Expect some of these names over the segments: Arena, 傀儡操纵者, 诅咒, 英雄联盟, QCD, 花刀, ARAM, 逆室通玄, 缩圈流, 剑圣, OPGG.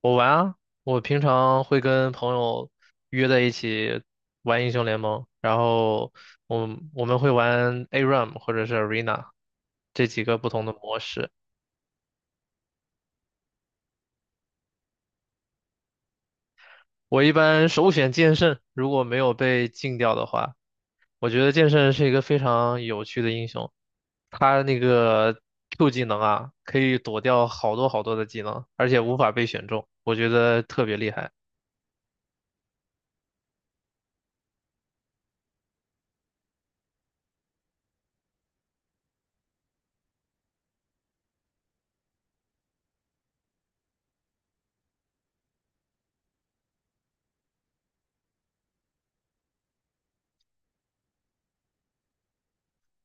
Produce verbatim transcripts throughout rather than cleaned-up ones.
我玩啊，我平常会跟朋友约在一起玩英雄联盟，然后我们我们会玩 A R A M 或者是 Arena 这几个不同的模式。我一般首选剑圣，如果没有被禁掉的话，我觉得剑圣是一个非常有趣的英雄。他那个 Q 技能啊，可以躲掉好多好多的技能，而且无法被选中，我觉得特别厉害。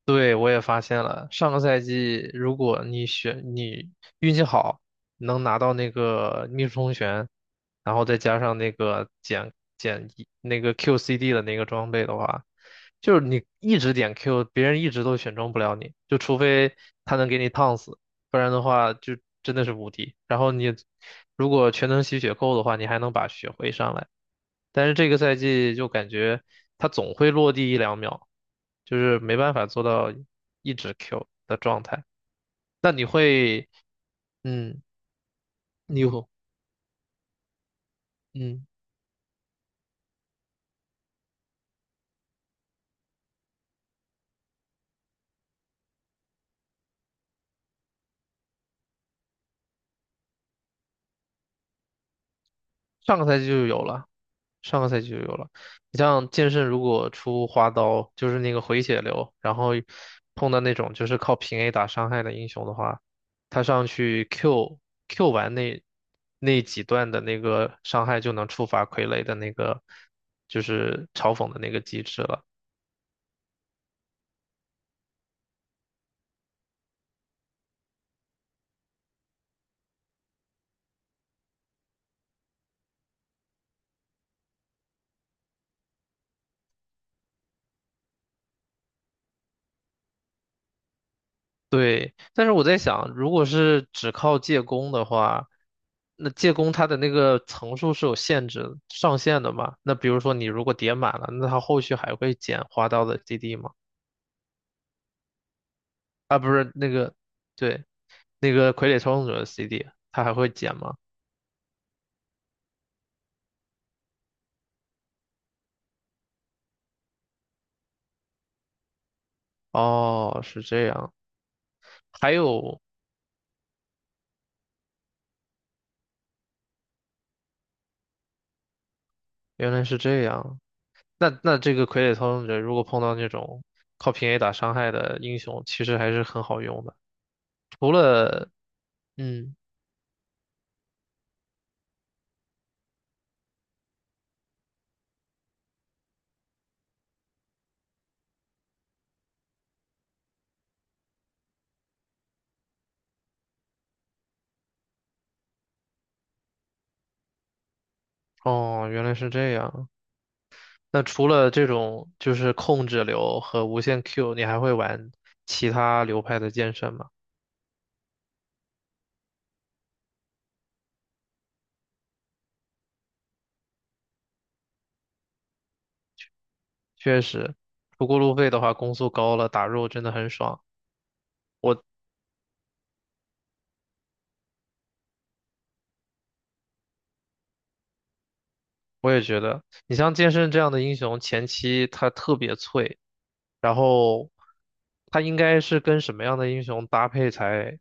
对，我也发现了，上个赛季如果你选你运气好，能拿到那个逆室通玄然后再加上那个减减一那个 Q C D 的那个装备的话，就是你一直点 Q,别人一直都选中不了你，就除非他能给你烫死，不然的话就真的是无敌。然后你如果全能吸血够的话，你还能把血回上来。但是这个赛季就感觉他总会落地一两秒，就是没办法做到一直 Q 的状态。那你会，嗯，你有，嗯，上个赛季就有了。上个赛季就有了。你像剑圣，如果出花刀，就是那个回血流，然后碰到那种就是靠平 A 打伤害的英雄的话，他上去 Q Q 完那那几段的那个伤害，就能触发傀儡的那个就是嘲讽的那个机制了。对，但是我在想，如果是只靠借工的话，那借工它的那个层数是有限制、上限的嘛？那比如说你如果叠满了，那它后续还会减花刀的 C D 吗？啊，不是那个，对，那个傀儡操纵者的 C D,它还会减吗？哦，是这样，还有原来是这样，那那这个傀儡操纵者如果碰到那种靠平 A 打伤害的英雄，其实还是很好用的，除了嗯。哦，原来是这样。那除了这种就是控制流和无限 Q,你还会玩其他流派的剑圣吗？确实，不过路费的话，攻速高了，打肉真的很爽。我也觉得，你像剑圣这样的英雄，前期他特别脆，然后他应该是跟什么样的英雄搭配才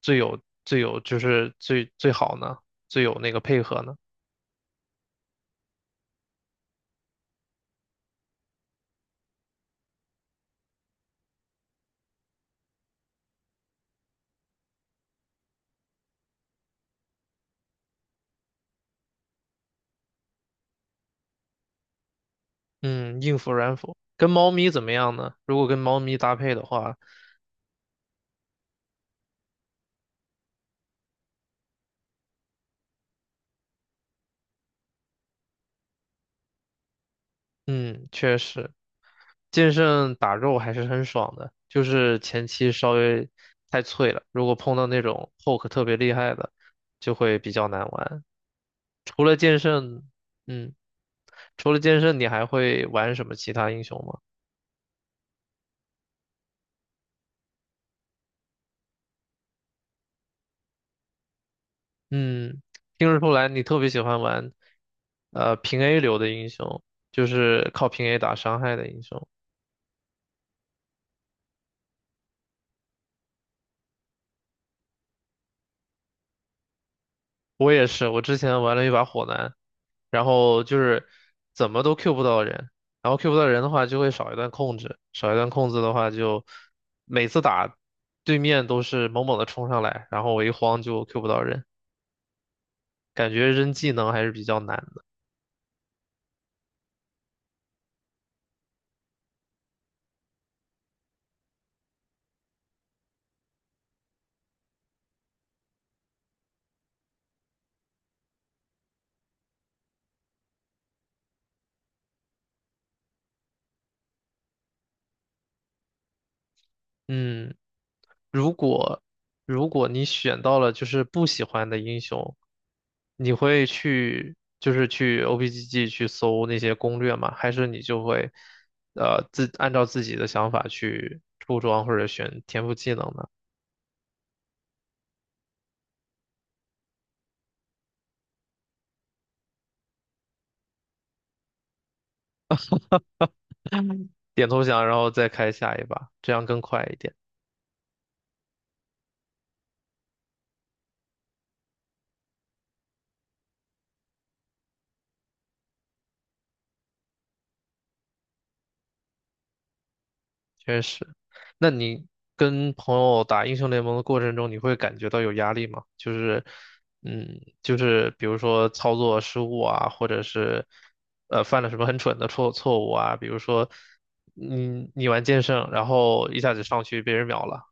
最有最有就是最最好呢？最有那个配合呢？嗯，硬辅软辅跟猫咪怎么样呢？如果跟猫咪搭配的话，嗯，确实。剑圣打肉还是很爽的，就是前期稍微太脆了，如果碰到那种 poke 特别厉害的，就会比较难玩。除了剑圣，嗯，除了剑圣，你还会玩什么其他英雄吗？嗯，听得出来你特别喜欢玩，呃，平 A 流的英雄，就是靠平 A 打伤害的英雄。我也是，我之前玩了一把火男，然后就是怎么都 Q 不到人，然后 Q 不到人的话就会少一段控制，少一段控制的话就每次打对面都是猛猛的冲上来，然后我一慌就 Q 不到人，感觉扔技能还是比较难的。嗯，如果如果你选到了就是不喜欢的英雄，你会去就是去 O P G G 去搜那些攻略吗？还是你就会呃自按照自己的想法去出装或者选天赋技能呢？点投降，然后再开下一把，这样更快一点。确实，那你跟朋友打英雄联盟的过程中，你会感觉到有压力吗？就是，嗯，就是比如说操作失误啊，或者是呃犯了什么很蠢的错错误啊，比如说你你玩剑圣，然后一下子上去被人秒了。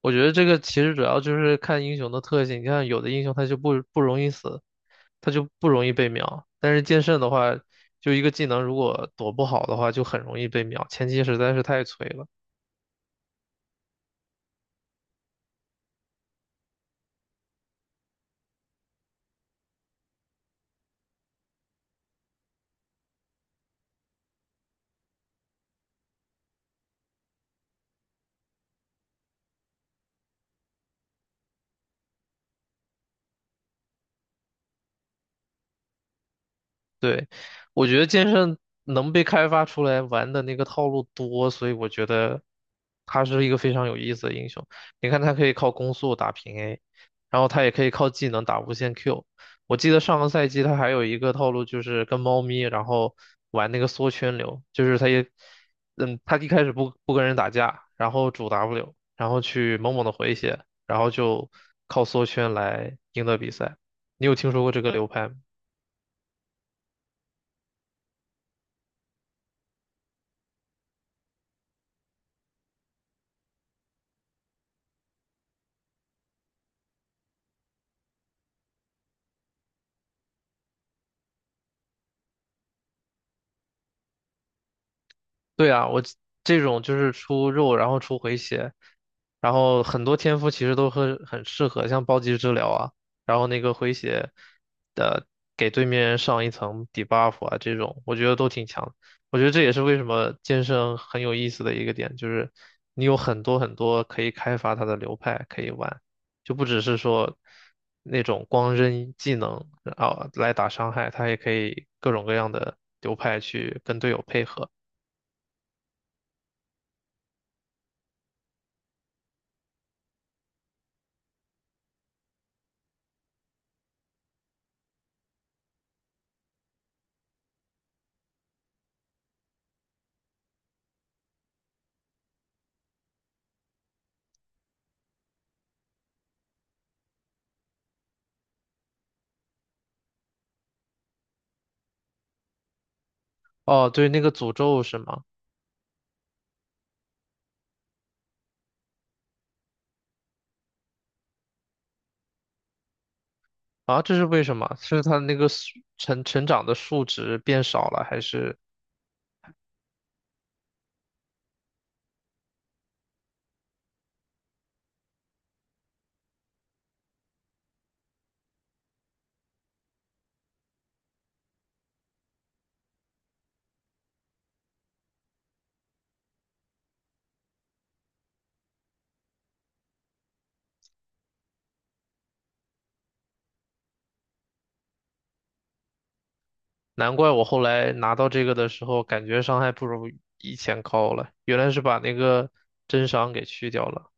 我觉得这个其实主要就是看英雄的特性。你看，有的英雄他就不不容易死，他就不容易被秒。但是剑圣的话，就一个技能如果躲不好的话，就很容易被秒。前期实在是太脆了。对，我觉得剑圣能被开发出来玩的那个套路多，所以我觉得他是一个非常有意思的英雄。你看，他可以靠攻速打平 A,然后他也可以靠技能打无限 Q。我记得上个赛季他还有一个套路，就是跟猫咪，然后玩那个缩圈流，就是他也，嗯，他一开始不不跟人打架，然后主 W,然后去猛猛的回血，然后就靠缩圈来赢得比赛。你有听说过这个流派吗？对啊，我这种就是出肉，然后出回血，然后很多天赋其实都很很适合，像暴击治疗啊，然后那个回血的给对面人上一层 debuff 啊，这种我觉得都挺强的。我觉得这也是为什么剑圣很有意思的一个点，就是你有很多很多可以开发它的流派可以玩，就不只是说那种光扔技能啊来打伤害，它也可以各种各样的流派去跟队友配合。哦，对，那个诅咒是吗？啊，这是为什么？是它那个数成成长的数值变少了，还是？难怪我后来拿到这个的时候，感觉伤害不如以前高了，原来是把那个真伤给去掉了。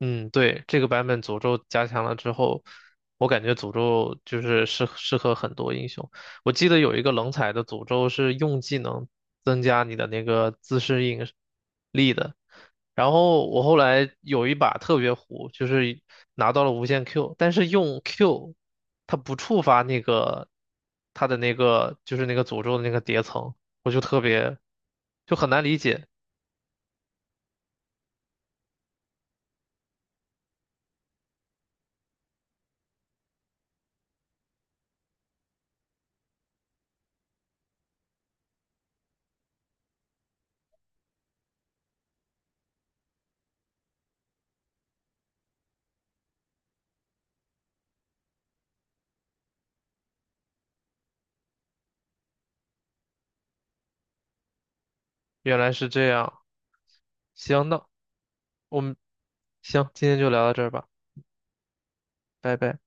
嗯，对，这个版本诅咒加强了之后，我感觉诅咒就是适适合很多英雄。我记得有一个冷彩的诅咒是用技能增加你的那个自适应力的。然后我后来有一把特别糊，就是拿到了无限 Q,但是用 Q 它不触发那个它的那个就是那个诅咒的那个叠层，我就特别就很难理解，原来是这样。行，那。我们行，今天就聊到这儿吧，拜拜。